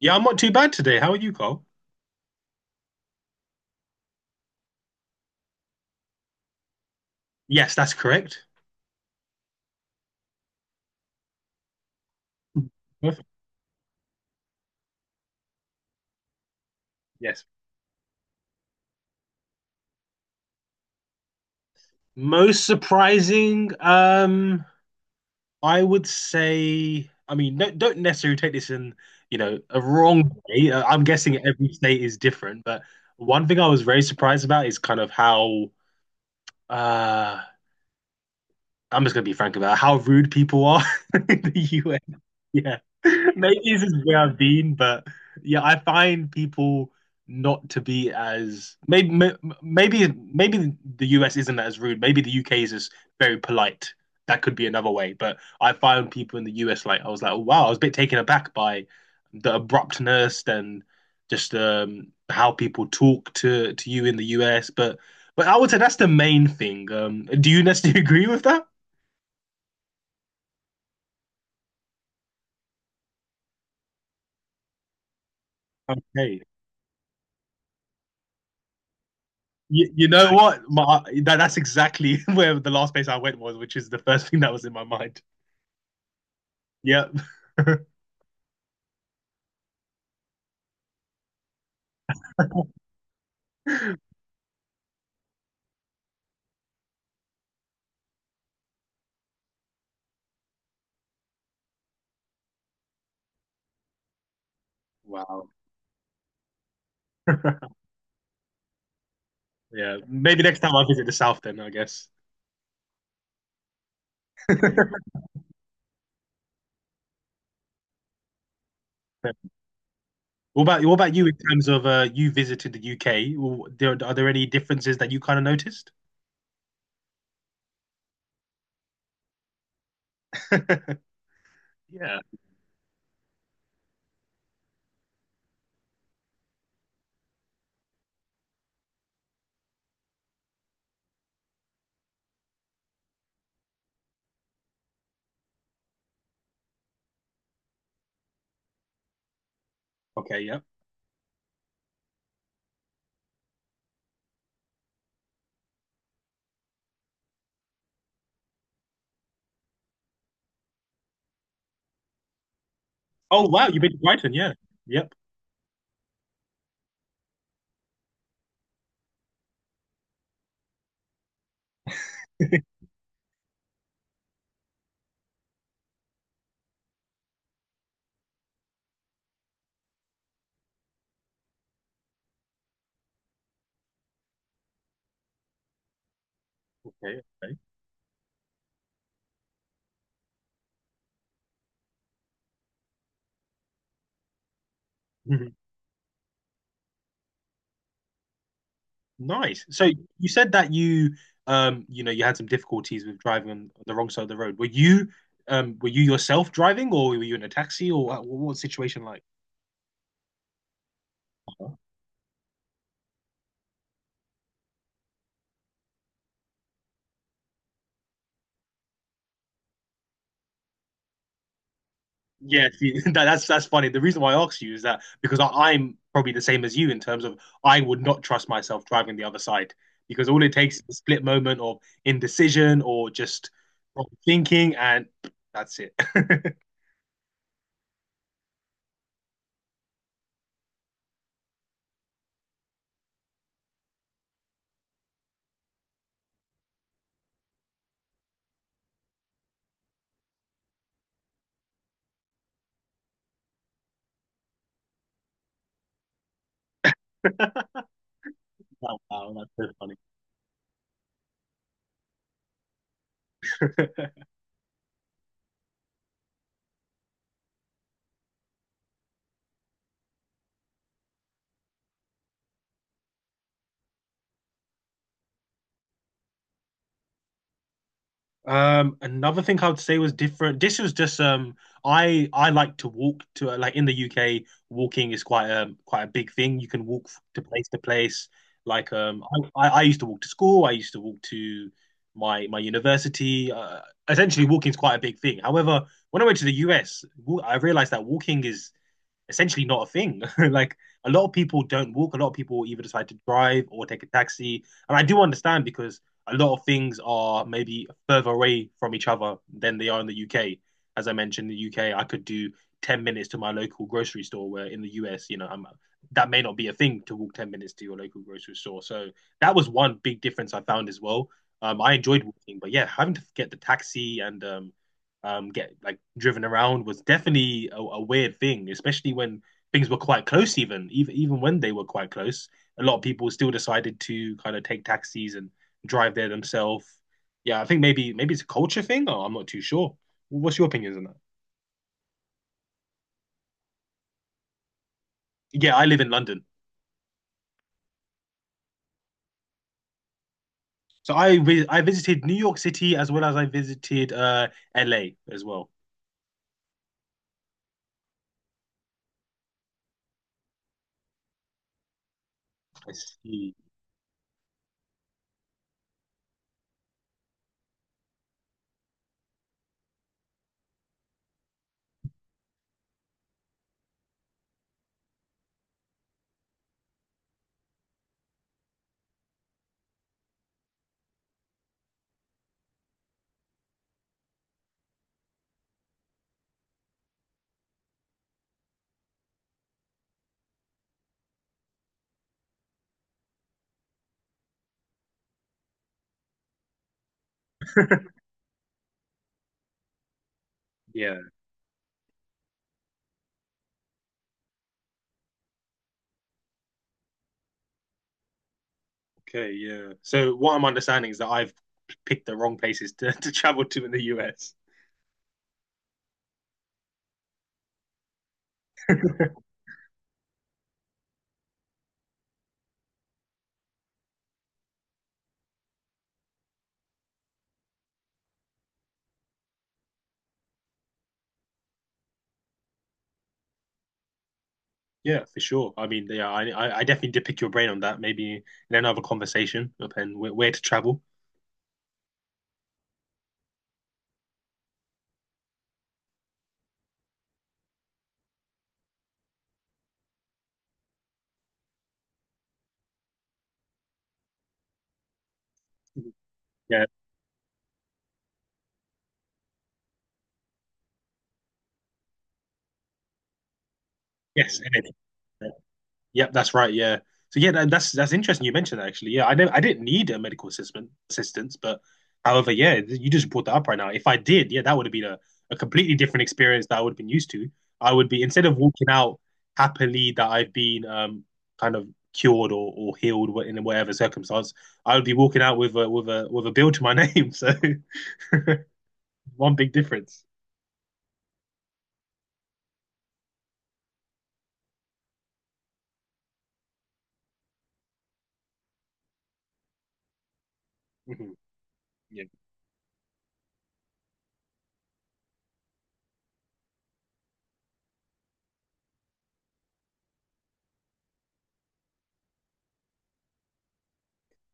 Yeah, I'm not too bad today. How are you, Carl? Yes, that's correct. Perfect. Yes. Most surprising, I would say, I mean, no, don't necessarily take this in, a wrong way. I'm guessing every state is different, but one thing I was very surprised about is kind of how, uh, I'm just gonna be frank about how rude people are in the Yeah. Maybe this is where I've been, but yeah, I find people not to be as maybe m- maybe maybe the US isn't as rude. Maybe the UK is just very polite. That could be another way. But I find people in the US like I was like, oh, wow, I was a bit taken aback by the abruptness and just how people talk to you in the US. But I would say that's the main thing. Do you necessarily agree with that? Okay. You know what? That's exactly where the last place I went was, which is the first thing that was in my mind. Yep. Wow. Yeah. Maybe next time I visit the South, then I guess. What about you in terms of you visited the UK? Well, there, are there any differences that you kind of noticed? Yeah. Okay. Yep. Oh wow, you've been to Brighton. Yeah. Yep. Okay. Okay. Mm-hmm. Nice. So you said that you you know you had some difficulties with driving on the wrong side of the road. Were you yourself driving or were you in a taxi or what was the situation like? Yeah, see, that's funny. The reason why I asked you is that because I'm probably the same as you in terms of I would not trust myself driving the other side because all it takes is a split moment of indecision or just wrong thinking and that's it. Wow, that's so funny. Another thing I would say was different. This was just I like to walk to like in the UK, walking is quite a big thing. You can walk to place to place. Like I used to walk to school. I used to walk to my university. Essentially, walking is quite a big thing. However, when I went to the US, I realized that walking is essentially not a thing. Like a lot of people don't walk. A lot of people either decide to drive or take a taxi. And I do understand because a lot of things are maybe further away from each other than they are in the UK. As I mentioned, in the UK, I could do 10 minutes to my local grocery store, where in the US, you know, that may not be a thing to walk 10 minutes to your local grocery store. So that was one big difference I found as well. I enjoyed walking, but yeah, having to get the taxi and get like driven around was definitely a weird thing, especially when things were quite close. Even when they were quite close, a lot of people still decided to kind of take taxis and drive there themselves. Yeah, I think maybe it's a culture thing, or I'm not too sure. What's your opinions on that? Yeah, I live in London, so I visited New York City as well as I visited LA as well. I see. Yeah. Okay. Yeah. So what I'm understanding is that I've picked the wrong places to, to travel to in the US. Yeah, for sure. I mean, yeah, I definitely did pick your brain on that. Maybe in another conversation, and where to travel. Yeah. Yes. And it- Yep. That's right. Yeah. So yeah, that's interesting. You mentioned that actually. Yeah, I know I didn't need a medical assistant assistance, but however, yeah, you just brought that up right now. If I did, yeah, that would have been a completely different experience that I would have been used to. I would be instead of walking out happily that I've been kind of cured or healed in whatever circumstance, I would be walking out with a bill to my name. So one big difference. Mhm. Yeah.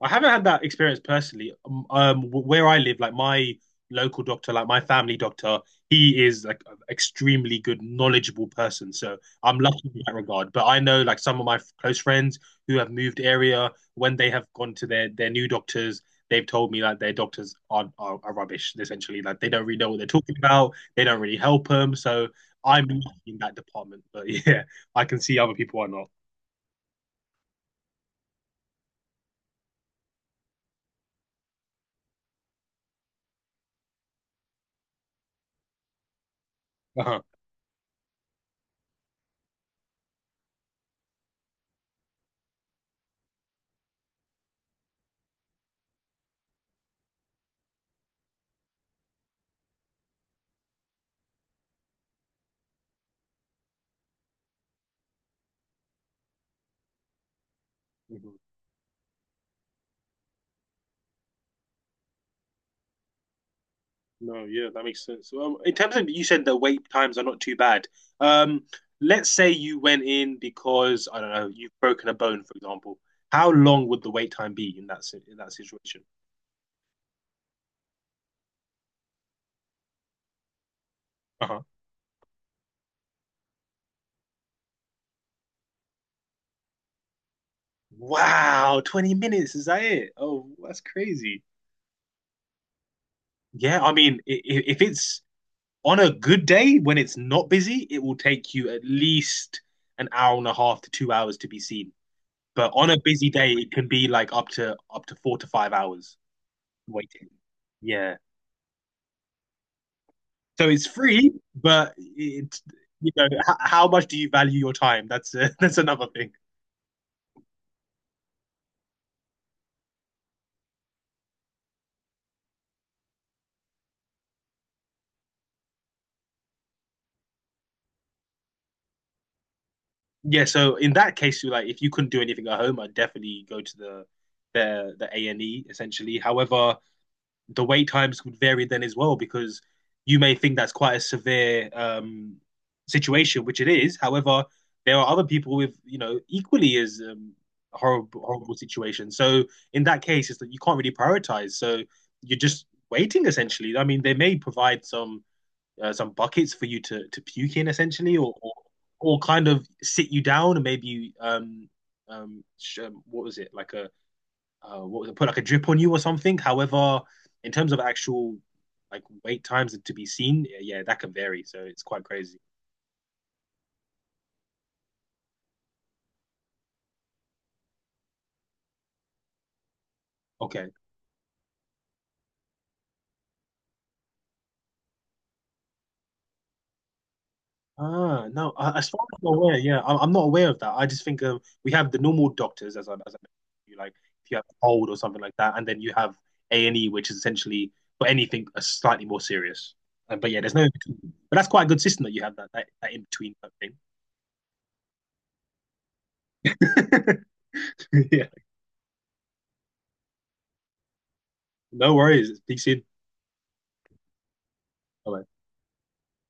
I haven't had that experience personally. Where I live, like my local doctor, like my family doctor, he is like an extremely good, knowledgeable person. So I'm lucky in that regard. But I know like some of my close friends who have moved area, when they have gone to their new doctors, they've told me like their doctors are rubbish, essentially. Like they don't really know what they're talking about. They don't really help them. So I'm lucky in that department. But yeah, I can see other people are not. Uh-huh. No, yeah, that makes sense. In terms of you said the wait times are not too bad. Um, let's say you went in because I don't know you've broken a bone, for example. How long would the wait time be in in that situation? Uh-huh. Wow, 20 minutes, is that it? Oh, that's crazy. Yeah, I mean, if it's on a good day when it's not busy, it will take you at least an hour and a half to 2 hours to be seen. But on a busy day, it can be like up to 4 to 5 hours waiting. Yeah. So it's free, but it's how much do you value your time? That's that's another thing. Yeah. So in that case, you like if you couldn't do anything at home, I'd definitely go to the the A and E essentially. However, the wait times would vary then as well because you may think that's quite a severe situation, which it is. However, there are other people with you know equally as horrible situations. So in that case, it's that you can't really prioritize. So you're just waiting essentially. I mean, they may provide some buckets for you to puke in essentially, or kind of sit you down and maybe sh- what was it like a what was it, put like a drip on you or something. However, in terms of actual like wait times to be seen, yeah, that can vary. So it's quite crazy. Okay. Ah, no. As far as I'm aware, yeah, I'm not aware of that. I just think of we have the normal doctors, as as I mentioned, you like if you have a cold or something like that, and then you have A and E, which is essentially for anything slightly more serious. But yeah, there's no in between. But that's quite a good system that you have that in between type thing. Yeah. No worries. Peace in. Bye.